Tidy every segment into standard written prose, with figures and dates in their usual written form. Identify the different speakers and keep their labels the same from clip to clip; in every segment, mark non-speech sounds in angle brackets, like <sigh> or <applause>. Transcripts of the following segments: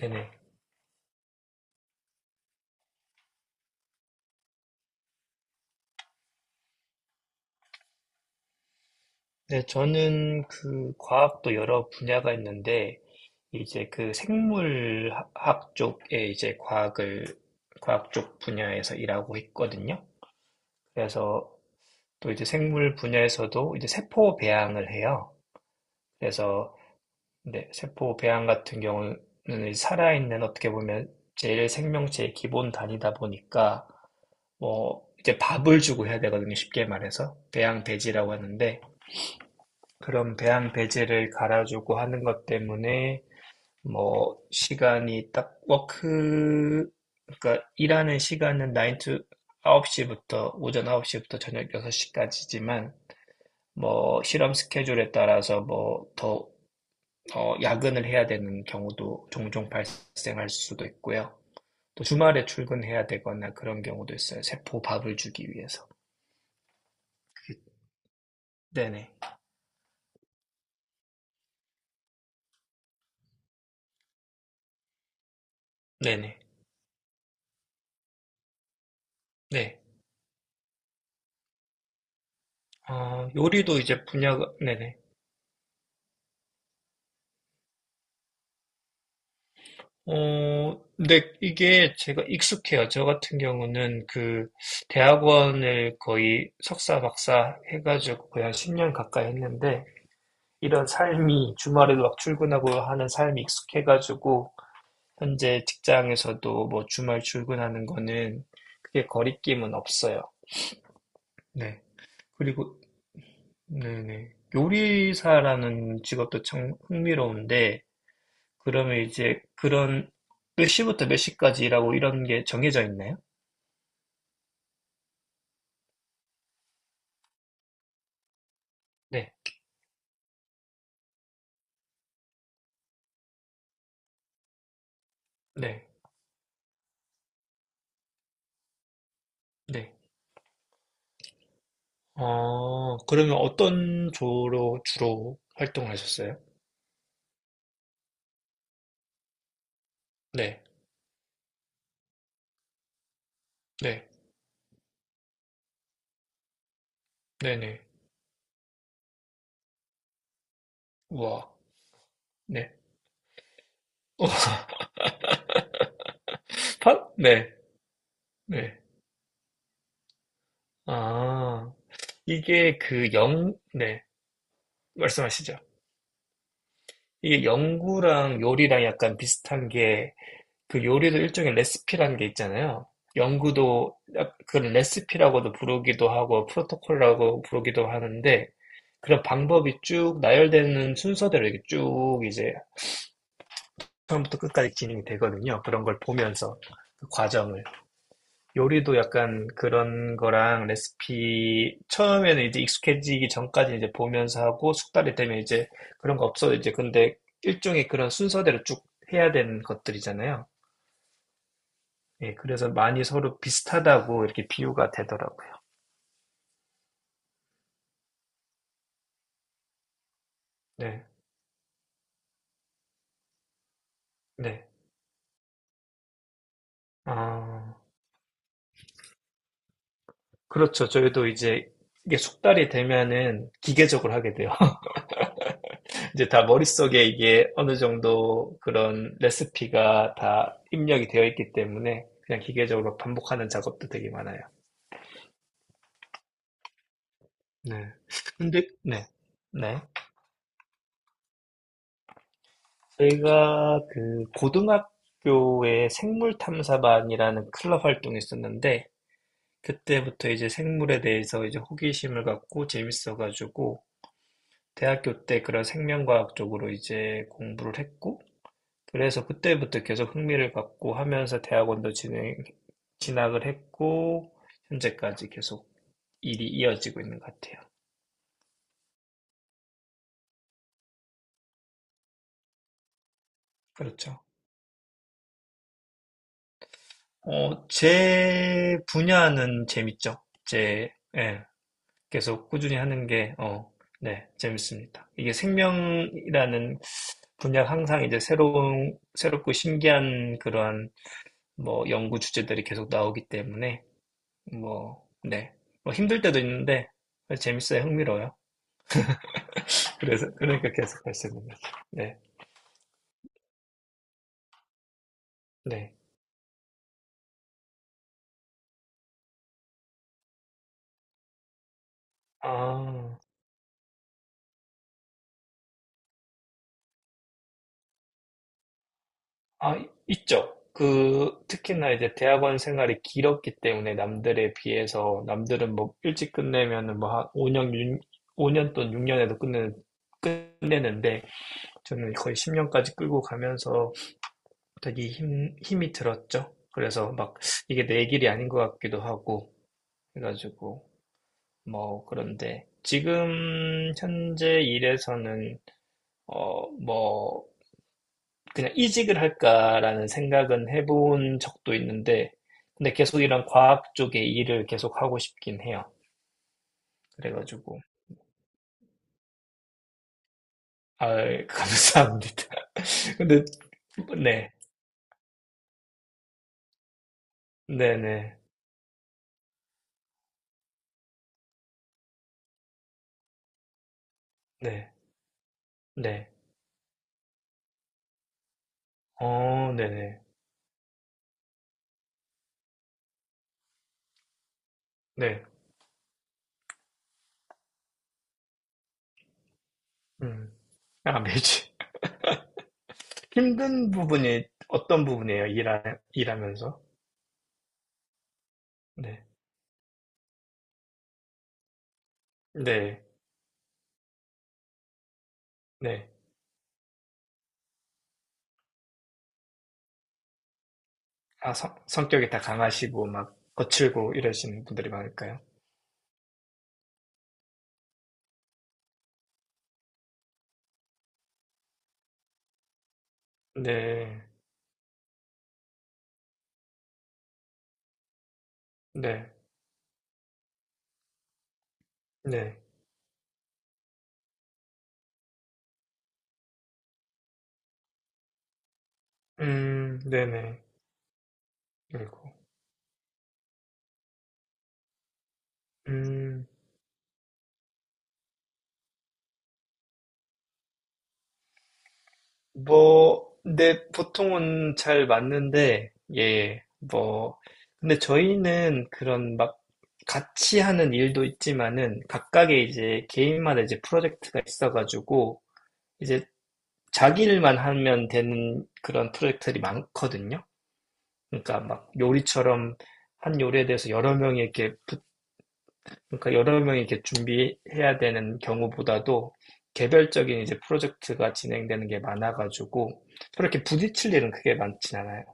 Speaker 1: 네네. 네, 저는 그 과학도 여러 분야가 있는데, 이제 그 생물학 쪽에 이제 과학 쪽 분야에서 일하고 있거든요. 그래서 또 이제 생물 분야에서도 이제 세포 배양을 해요. 그래서, 네, 세포 배양 같은 경우는 이제 살아있는 어떻게 보면 제일 생명체의 기본 단위다 보니까, 뭐, 이제 밥을 주고 해야 되거든요. 쉽게 말해서. 배양 배지라고 하는데, 그런 배양 배제를 갈아주고 하는 것 때문에 뭐 시간이 딱 워크 그러니까 일하는 시간은 9시부터 오전 9시부터 저녁 6시까지지만 뭐 실험 스케줄에 따라서 뭐 더 야근을 해야 되는 경우도 종종 발생할 수도 있고요. 또 주말에 출근해야 되거나 그런 경우도 있어요. 세포 밥을 주기 위해서. 네네. 네네. 네. 요리도 이제 분야가, 네네. 근데 이게 제가 익숙해요. 저 같은 경우는 그 대학원을 거의 석사, 박사 해가지고 거의 한 10년 가까이 했는데 이런 삶이 주말에도 막 출근하고 하는 삶이 익숙해가지고 현재 직장에서도 뭐 주말 출근하는 거는 그게 거리낌은 없어요. 네. 그리고, 네네. 요리사라는 직업도 참 흥미로운데 그러면 이제 그런 몇 시부터 몇 시까지 일하고 이런 게 정해져 있나요? 네. 네. 네. 그러면 어떤 조로 주로 활동하셨어요? 을 네. 네. 네네. 우와. 네. 어, <laughs> 팟 네. 네. 아, 이게 그 영, 네. 말씀하시죠. 이게 연구랑 요리랑 약간 비슷한 게, 그 요리도 일종의 레시피라는 게 있잖아요. 연구도 그 레시피라고도 부르기도 하고, 프로토콜이라고 부르기도 하는데, 그런 방법이 쭉 나열되는 순서대로 이게 쭉 이제 처음부터 끝까지 진행이 되거든요. 그런 걸 보면서 그 과정을 요리도 약간 그런 거랑 레시피 처음에는 이제 익숙해지기 전까지 이제 보면서 하고 숙달이 되면 이제 그런 거 없어 요 이제 근데 일종의 그런 순서대로 쭉 해야 되는 것들이잖아요. 예, 그래서 많이 서로 비슷하다고 이렇게 비유가 되더라고요. 네, 네. 아, 그렇죠. 저희도 이제 이게 숙달이 되면은 기계적으로 하게 돼요. 이제 다 머릿속에 이게 어느 정도 그런 레시피가 다 입력이 되어 있기 때문에 그냥 기계적으로 반복하는 작업도 되게 많아요. 네. 근데, 네. 네. 저희가 그 고등학교에 생물탐사반이라는 클럽 활동이 있었는데, 그때부터 이제 생물에 대해서 이제 호기심을 갖고 재밌어가지고, 대학교 때 그런 생명과학 쪽으로 이제 공부를 했고, 그래서 그때부터 계속 흥미를 갖고 하면서 대학원도 진학을 했고 현재까지 계속 일이 이어지고 있는 것 같아요. 그렇죠. 제 분야는 재밌죠. 예, 계속 꾸준히 하는 게, 네, 재밌습니다. 이게 생명이라는 분야 항상 이제 새롭고 신기한 그러한 뭐 연구 주제들이 계속 나오기 때문에, 뭐, 네. 뭐 힘들 때도 있는데, 재밌어요. 흥미로워요. 그래서, 그러니까 계속 할 수 있는 거죠. 네, 네. 아. 아, 있죠. 그, 특히나 이제 대학원 생활이 길었기 때문에 남들에 비해서 남들은 뭐 일찍 끝내면은 뭐 한 5년, 6, 5년 또는 6년에도 끝내는데 저는 거의 10년까지 끌고 가면서 되게 힘이 들었죠. 그래서 막 이게 내 길이 아닌 것 같기도 하고 해가지고 뭐 그런데 지금 현재 일에서는 뭐 그냥 이직을 할까라는 생각은 해본 적도 있는데, 근데 계속 이런 과학 쪽의 일을 계속 하고 싶긴 해요. 그래가지고, 아, 감사합니다. <laughs> 근데, 네, 네네, 네, 네, 네네, 네, 음, 아, 매주. <laughs> 힘든 부분이 어떤 부분이에요? 일하면서? 네, 네, 네. 아, 성격이 다 강하시고, 막, 거칠고 이러시는 분들이 많을까요? 네, 네, 네. 네네. 그리고 음, 뭐, 근데 보통은 잘 맞는데, 예, 뭐, 근데 저희는 그런 막 같이 하는 일도 있지만은 각각의 이제 개인마다 이제 프로젝트가 있어가지고 이제 자기 일만 하면 되는 그런 프로젝트들이 많거든요. 그러니까 막 요리처럼 한 요리에 대해서 여러 명이 이렇게 그러니까 여러 명이 이렇게 준비해야 되는 경우보다도 개별적인 이제 프로젝트가 진행되는 게 많아가지고 서로 이렇게 부딪힐 일은 크게 많진 않아요.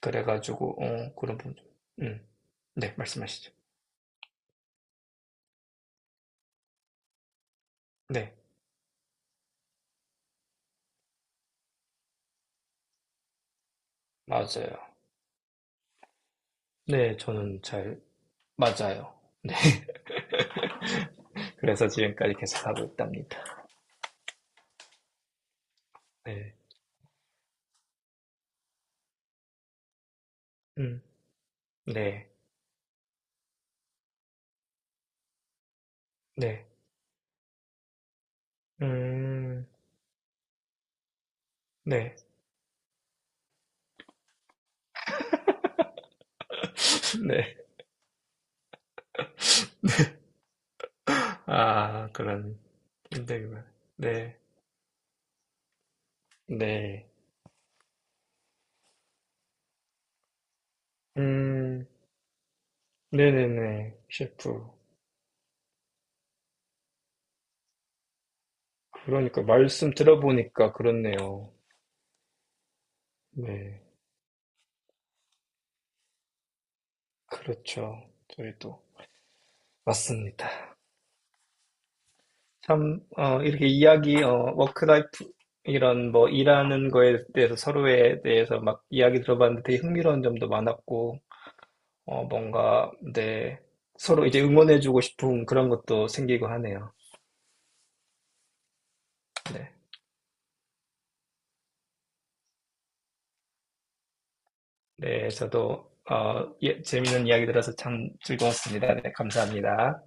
Speaker 1: 그래가지고 그런 부분. 음. 네, 말씀하시죠. 네, 맞아요. 네, 저는 잘 맞아요. 그래서 지금까지 계속 하고 있답니다. 네, 음, 네, 네, 음, 네, <laughs> 네. 아, 그런 힘들기만. 네, 네, 음, 네네네. 셰프. 그러니까 말씀 들어보니까 그렇네요. 네, 그렇죠. 저희도 맞습니다. 참 이렇게 이야기 워크라이프 이런 뭐 일하는 거에 대해서 서로에 대해서 막 이야기 들어봤는데 되게 흥미로운 점도 많았고 뭔가 네 서로 이제 응원해주고 싶은 그런 것도 생기고 하네요. 네, 네 저도 예, 재밌는 이야기 들어서 참 즐거웠습니다. 네, 감사합니다.